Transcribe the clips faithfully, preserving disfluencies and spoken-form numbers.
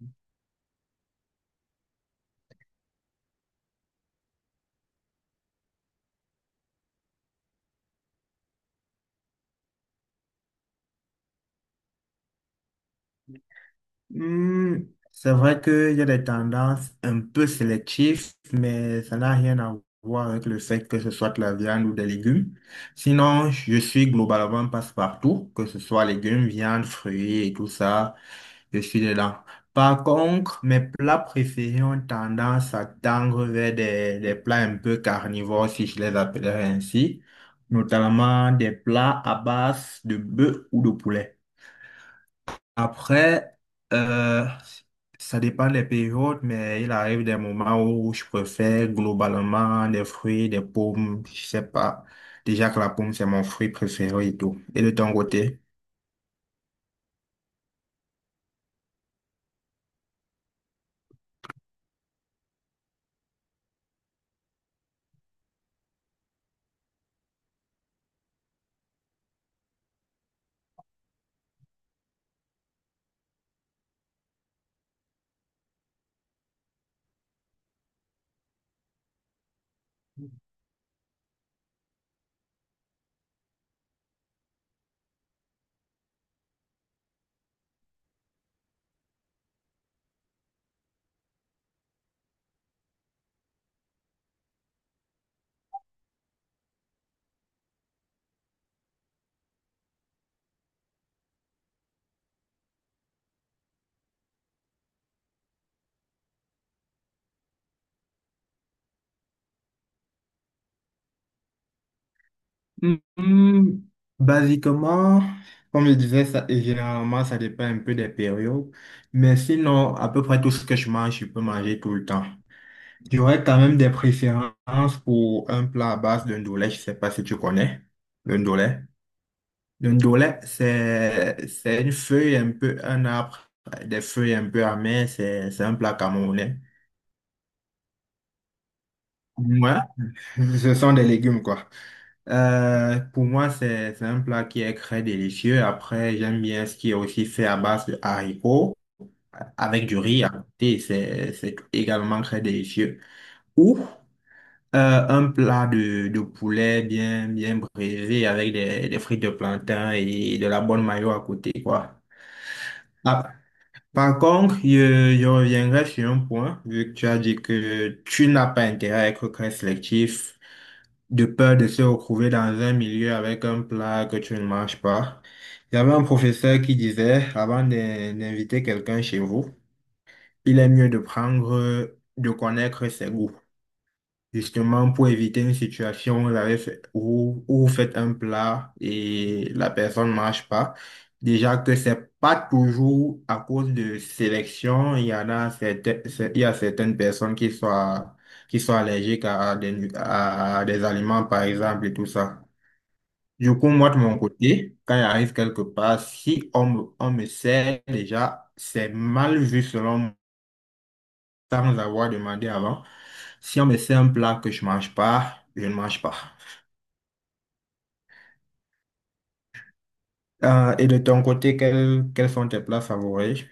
Mhm. Hmm, c'est vrai qu'il y a des tendances un peu sélectives, mais ça n'a rien à voir avec le fait que ce soit de la viande ou des légumes. Sinon, je suis globalement passe-partout, que ce soit légumes, viande, fruits et tout ça, je suis dedans. Par contre, mes plats préférés ont tendance à tendre vers des, des plats un peu carnivores, si je les appellerais ainsi, notamment des plats à base de bœuf ou de poulet. Après, euh, ça dépend des périodes, mais il arrive des moments où je préfère globalement des fruits, des pommes, je sais pas. Déjà que la pomme, c'est mon fruit préféré et tout. Et de ton côté? Hmm, basiquement, comme je disais, ça, généralement, ça dépend un peu des périodes. Mais sinon, à peu près tout ce que je mange, je peux manger tout le temps. J'aurais quand même des préférences pour un plat à base de ndolé, je sais pas si tu connais le ndolé. Le ndolé, c'est, c'est une feuille un peu, un arbre, des feuilles un peu amères, c'est, c'est un plat camerounais. Moi, ce sont des légumes, quoi. Euh, pour moi, c'est, c'est un plat qui est très délicieux. Après, j'aime bien ce qui est aussi fait à base de haricots, avec du riz à côté, c'est, c'est également très délicieux. Ou euh, Un plat de, de poulet bien, bien braisé avec des, des frites de plantain et de la bonne mayo à côté, quoi. Par contre, je, je reviendrai sur un point, vu que tu as dit que tu n'as pas intérêt à être très sélectif, de peur de se retrouver dans un milieu avec un plat que tu ne manges pas. Il y avait un professeur qui disait, avant d'in- d'inviter quelqu'un chez vous, il est mieux de prendre, de connaître ses goûts. Justement, pour éviter une situation où vous avez fait- où- où vous faites un plat et la personne ne marche pas. Déjà que c'est pas toujours à cause de sélection. Il y en a certaines, il y a certaines personnes qui sont, qui sont allergiques à des, nu- à des aliments, par exemple, et tout ça. Du coup, moi, de mon côté, quand il arrive quelque part, si on me, on me sert déjà, c'est mal vu selon sans avoir demandé avant. Si on me fait un plat que je mange pas, je ne mange pas. Euh, et de ton côté, quels, quels sont tes plats favoris?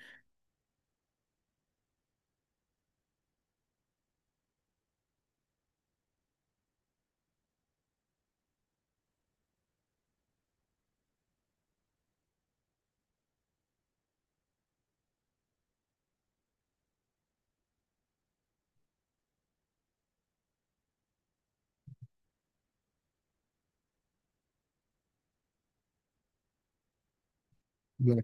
Ouais.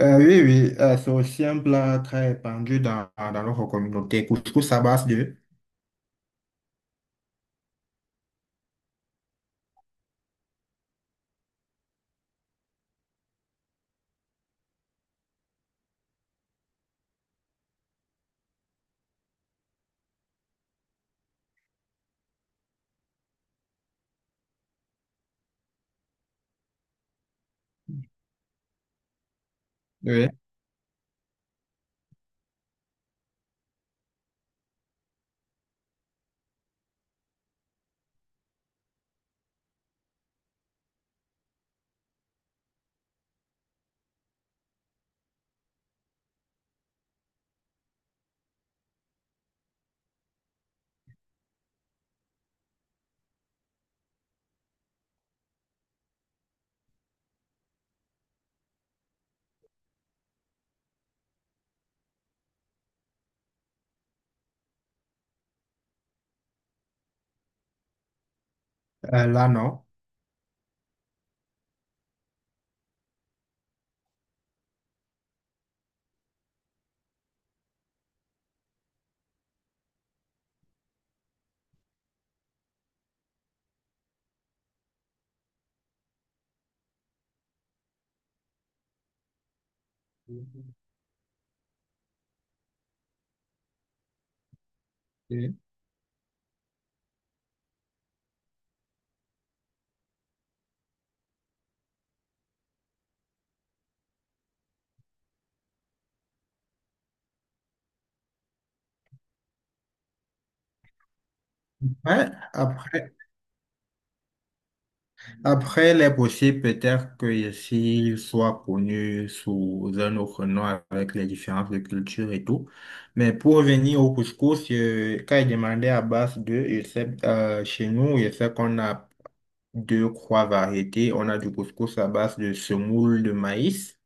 Euh, oui, oui, euh, c'est aussi un plat très répandu dans, dans notre communauté. Couscous à base de… Oui. Euh, là, non. Ok. Ouais, après. Après, il est possible peut-être que ici, il soit connu sous un autre nom avec les différences de culture et tout. Mais pour revenir au couscous, euh, quand il demandait à base de, je sais, euh, chez nous, je sais qu'on a deux, trois variétés. On a du couscous à base de semoule de maïs.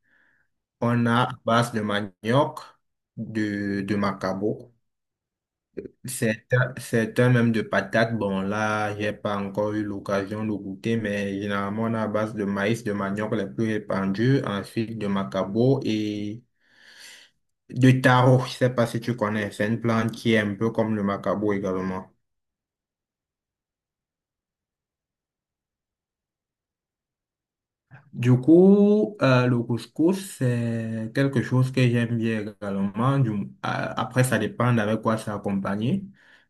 On a à base de manioc, de, de macabo, certains, certains même de patates. Bon, là, j'ai pas encore eu l'occasion de goûter, mais généralement, on a à base de maïs, de manioc les plus répandus, ensuite de macabo et de taro. Je sais pas si tu connais, c'est une plante qui est un peu comme le macabo également. Du coup, euh, le couscous, c'est quelque chose que j'aime bien également. Du- euh, après, ça dépend avec quoi c'est accompagné.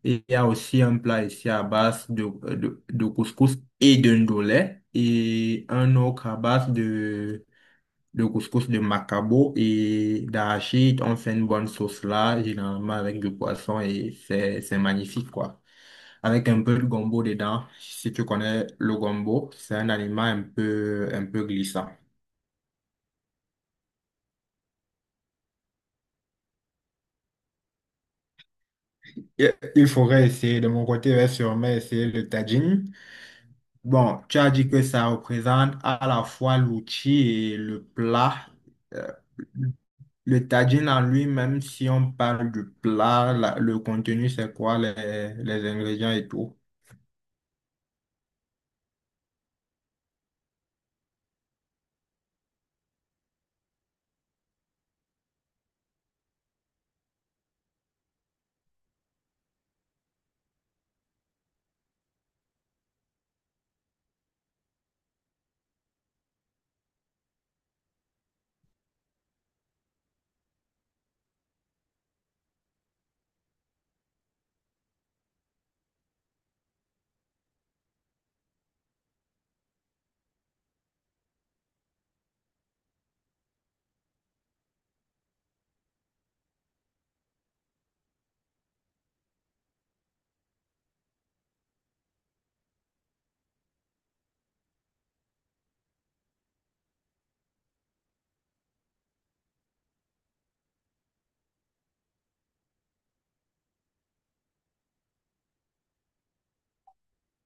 Et il y a aussi un plat ici à base de, de, de couscous et de ndolé et un autre à base de le couscous de Macabo et d'arachide. On fait une bonne sauce là, généralement avec du poisson et c'est c'est magnifique quoi. Avec un peu de gombo dedans. Si tu connais le gombo, c'est un aliment un peu un peu glissant. Il il faudrait essayer. De mon côté, je vais sûrement essayer le tagine. Bon, tu as dit que ça représente à la fois l'outil et le plat. Euh, le tagine en lui-même, si on parle du plat, la- le contenu, c'est quoi, les, les ingrédients et tout.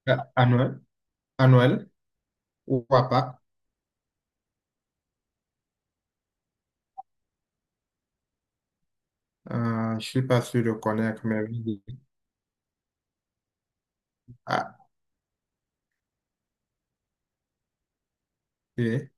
Euh, À Noël, à Noël ou à Pâques, euh, je suis pas sûr de connaître, mais oui. Ah, oui.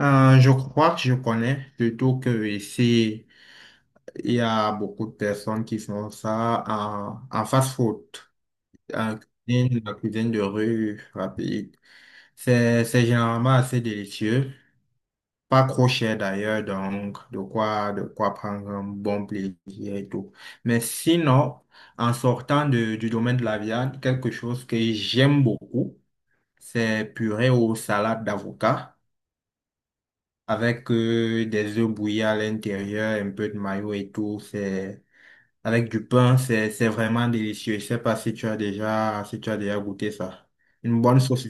Euh, je crois que je connais, surtout que ici. Il y a beaucoup de personnes qui font ça en, en fast-food, en cuisine, la cuisine de rue rapide. C'est, c'est généralement assez délicieux, pas trop cher d'ailleurs, donc de quoi, de quoi prendre un bon plaisir et tout. Mais sinon, en sortant de- du domaine de la viande, quelque chose que j'aime beaucoup, c'est purée aux salades d'avocat avec euh, des œufs bouillis à l'intérieur, un peu de mayo et tout. C'est avec du pain, c'est, c'est vraiment délicieux. Je sais pas si tu as déjà, si tu as déjà goûté ça. Une bonne sauce.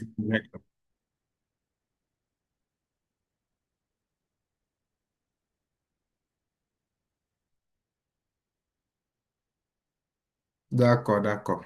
D'accord, d'accord.